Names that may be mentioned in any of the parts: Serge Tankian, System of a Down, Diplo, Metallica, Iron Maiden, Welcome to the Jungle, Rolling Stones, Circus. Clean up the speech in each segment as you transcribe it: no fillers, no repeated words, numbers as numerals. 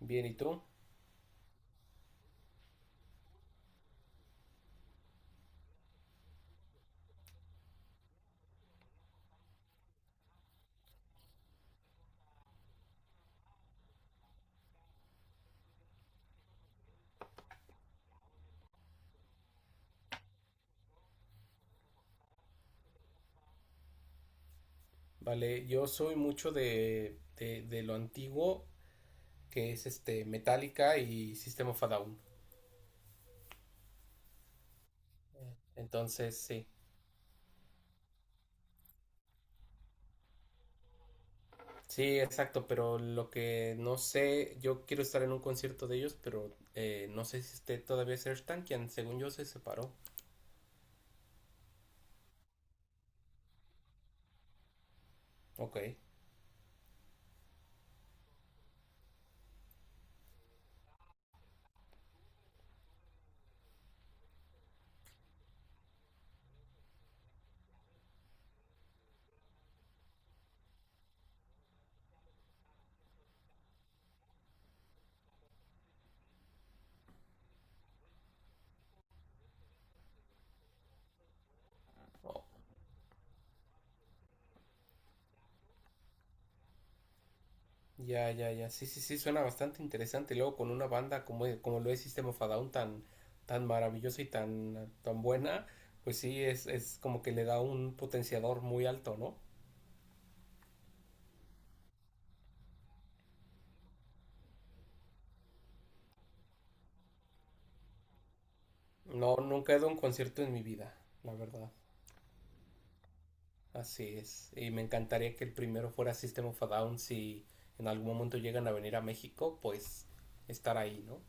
Bien, ¿y tú? Vale, yo soy mucho de lo antiguo, que es este Metallica y System of a Down. Entonces, sí. Sí, exacto, pero lo que no sé, yo quiero estar en un concierto de ellos, pero no sé si esté todavía Serge Tankian, según yo se separó. Ok. O- Ya, ya, ya. Sí, sí, sí, suena bastante interesante. Y luego con una banda como, como lo es System of a Down tan, tan maravillosa y tan, tan buena, pues sí, es como que le da un potenciador muy alto, ¿no? No, nunca he dado un concierto en mi vida, la verdad. Así es. Y me encantaría que el primero fuera System of a Down si en algún momento llegan a venir a México, pues estar ahí, ¿no?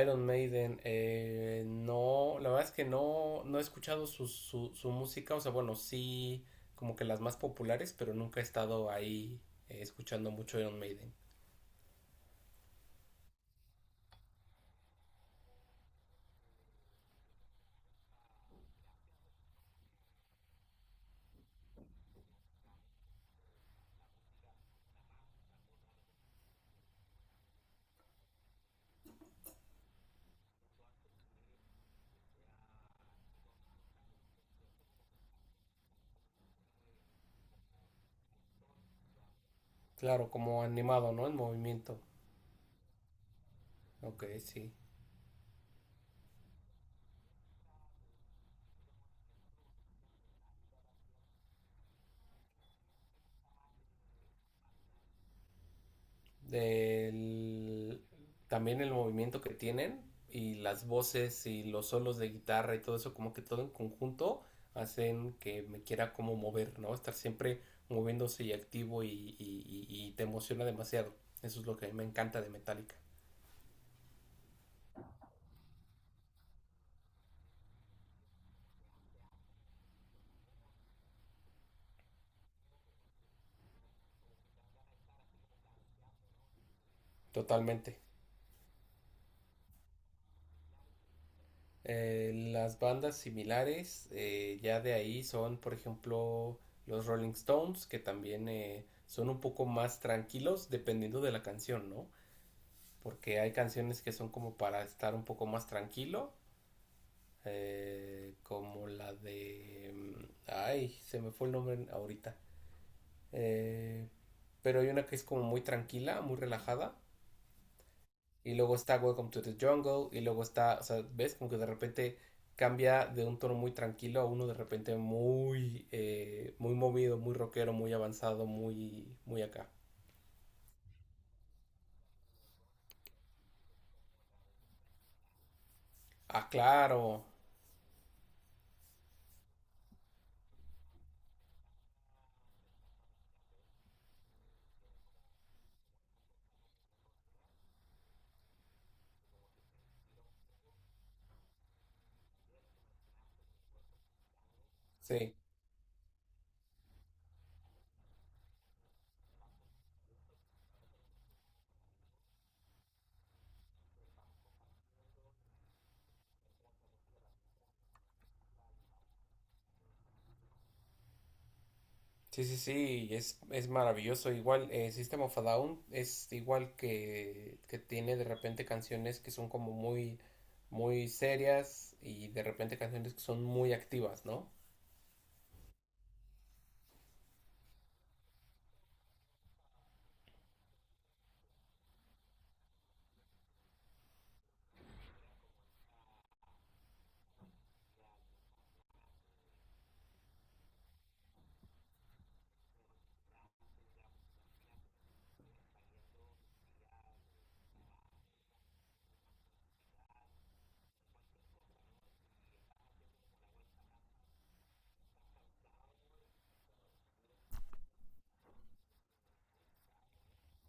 Iron Maiden, no, la verdad es que no, no he escuchado su música, o sea, bueno, sí, como que las más populares, pero nunca he estado ahí escuchando mucho Iron Maiden. Claro, como animado, ¿no? En movimiento. Ok, sí. del- También el movimiento que tienen y las voces y los solos de guitarra y todo eso, como que todo en conjunto hacen que me quiera como mover, ¿no? Estar siempre moviéndose y activo y te emociona demasiado. Eso es lo que a mí me encanta de Metallica. Totalmente. Las bandas similares, ya de ahí son, por ejemplo, los Rolling Stones, que también son un poco más tranquilos dependiendo de la canción, ¿no? Porque hay canciones que son como para estar un poco más tranquilo, como la de... Ay, se me fue el nombre ahorita. Eh, pero hay una que es como muy tranquila, muy relajada. Y luego está Welcome to the Jungle. Y luego está, o sea, ves como que de repente cambia de un tono muy tranquilo a uno de repente muy, muy movido, muy rockero, muy avanzado, muy, muy acá. Ah, claro. Sí. Sí, sí, sí, es maravilloso. Igual, System of a Down es igual que tiene de repente canciones que son como muy, muy serias y de repente canciones que son muy activas, ¿no?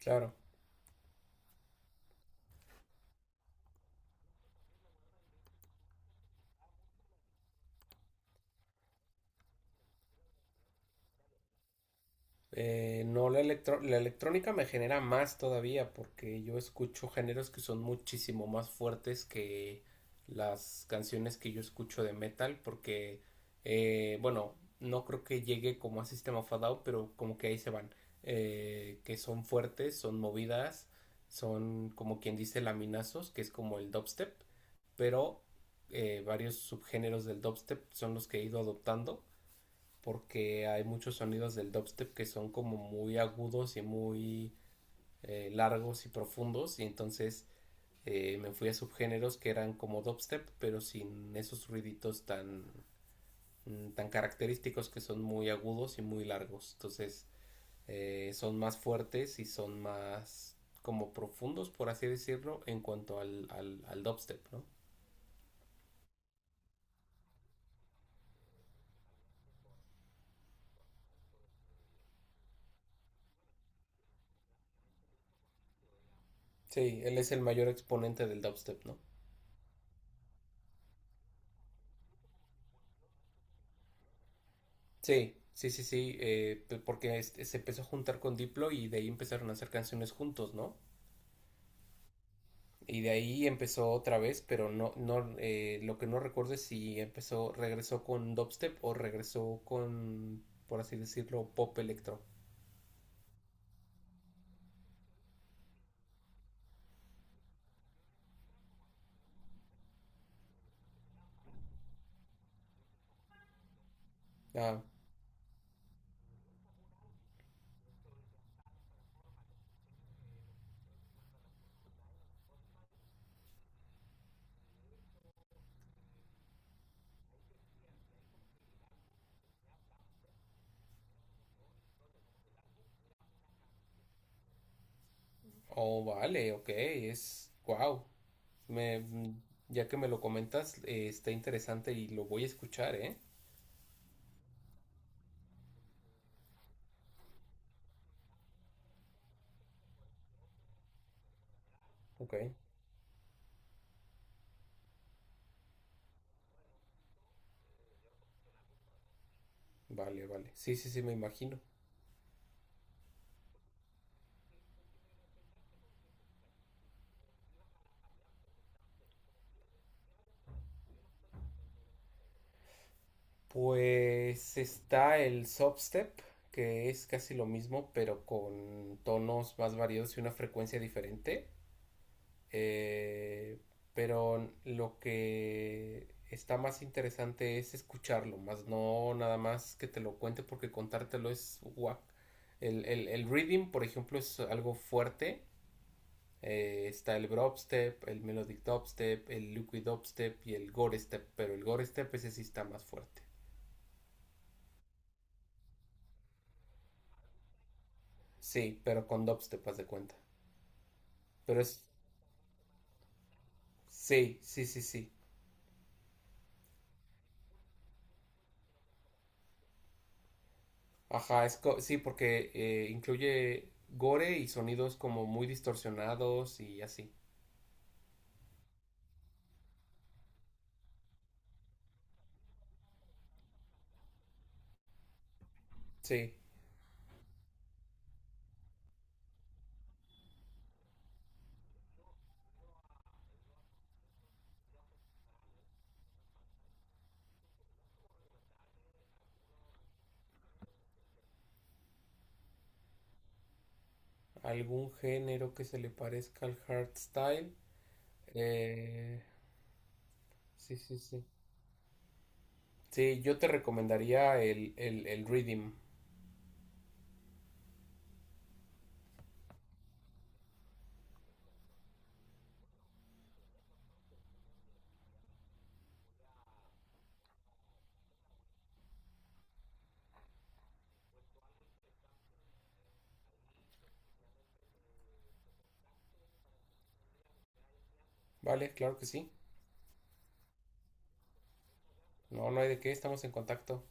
Claro. No, la electrónica me genera más todavía porque yo escucho géneros que son muchísimo más fuertes que las canciones que yo escucho de metal porque, bueno, no creo que llegue como a System of a Down, pero como que ahí se van, que son fuertes, son movidas, son como quien dice laminazos, que es como el dubstep, pero varios subgéneros del dubstep son los que he ido adoptando porque hay muchos sonidos del dubstep que son como muy agudos y muy largos y profundos y entonces me fui a subgéneros que eran como dubstep pero sin esos ruiditos tan tan característicos que son muy agudos y muy largos, entonces son más fuertes y son más como profundos, por así decirlo, en cuanto al dubstep, no. Sí, él es el mayor exponente del dubstep, no. Sí, sí, sí, sí, porque este, se empezó a juntar con Diplo y de ahí empezaron a hacer canciones juntos, ¿no? Y de ahí empezó otra vez, pero no, no, lo que no recuerdo es si empezó, regresó con dubstep o regresó con, por así decirlo, pop electro. Ah, oh, vale, ok, es, wow. Me, mm, ya que me lo comentas, está interesante y lo voy a escuchar, ¿eh? Ok, vale, vale. Sí, sí, sí, me imagino. Pues está el substep, que es casi lo mismo, pero con tonos más variados y una frecuencia diferente. Eh, pero lo que está más interesante es escucharlo, más no nada más que te lo cuente, porque contártelo es guac. El reading, por ejemplo, es algo fuerte. Está el Brobstep, el Melodic Dubstep, el Liquid Dubstep y el Gore Step, pero el Gore Step ese sí está más fuerte. Sí, pero con dubstep, haz de cuenta. Pero es. Sí, sí, sí, sí. Ajá, sí, porque incluye gore y sonidos como muy distorsionados y así. Sí, algún género que se le parezca al hardstyle. Eh, sí, sí, sí. Sí, yo te recomendaría el Rhythm, ¿vale? Claro que sí. No, no hay de qué, estamos en contacto.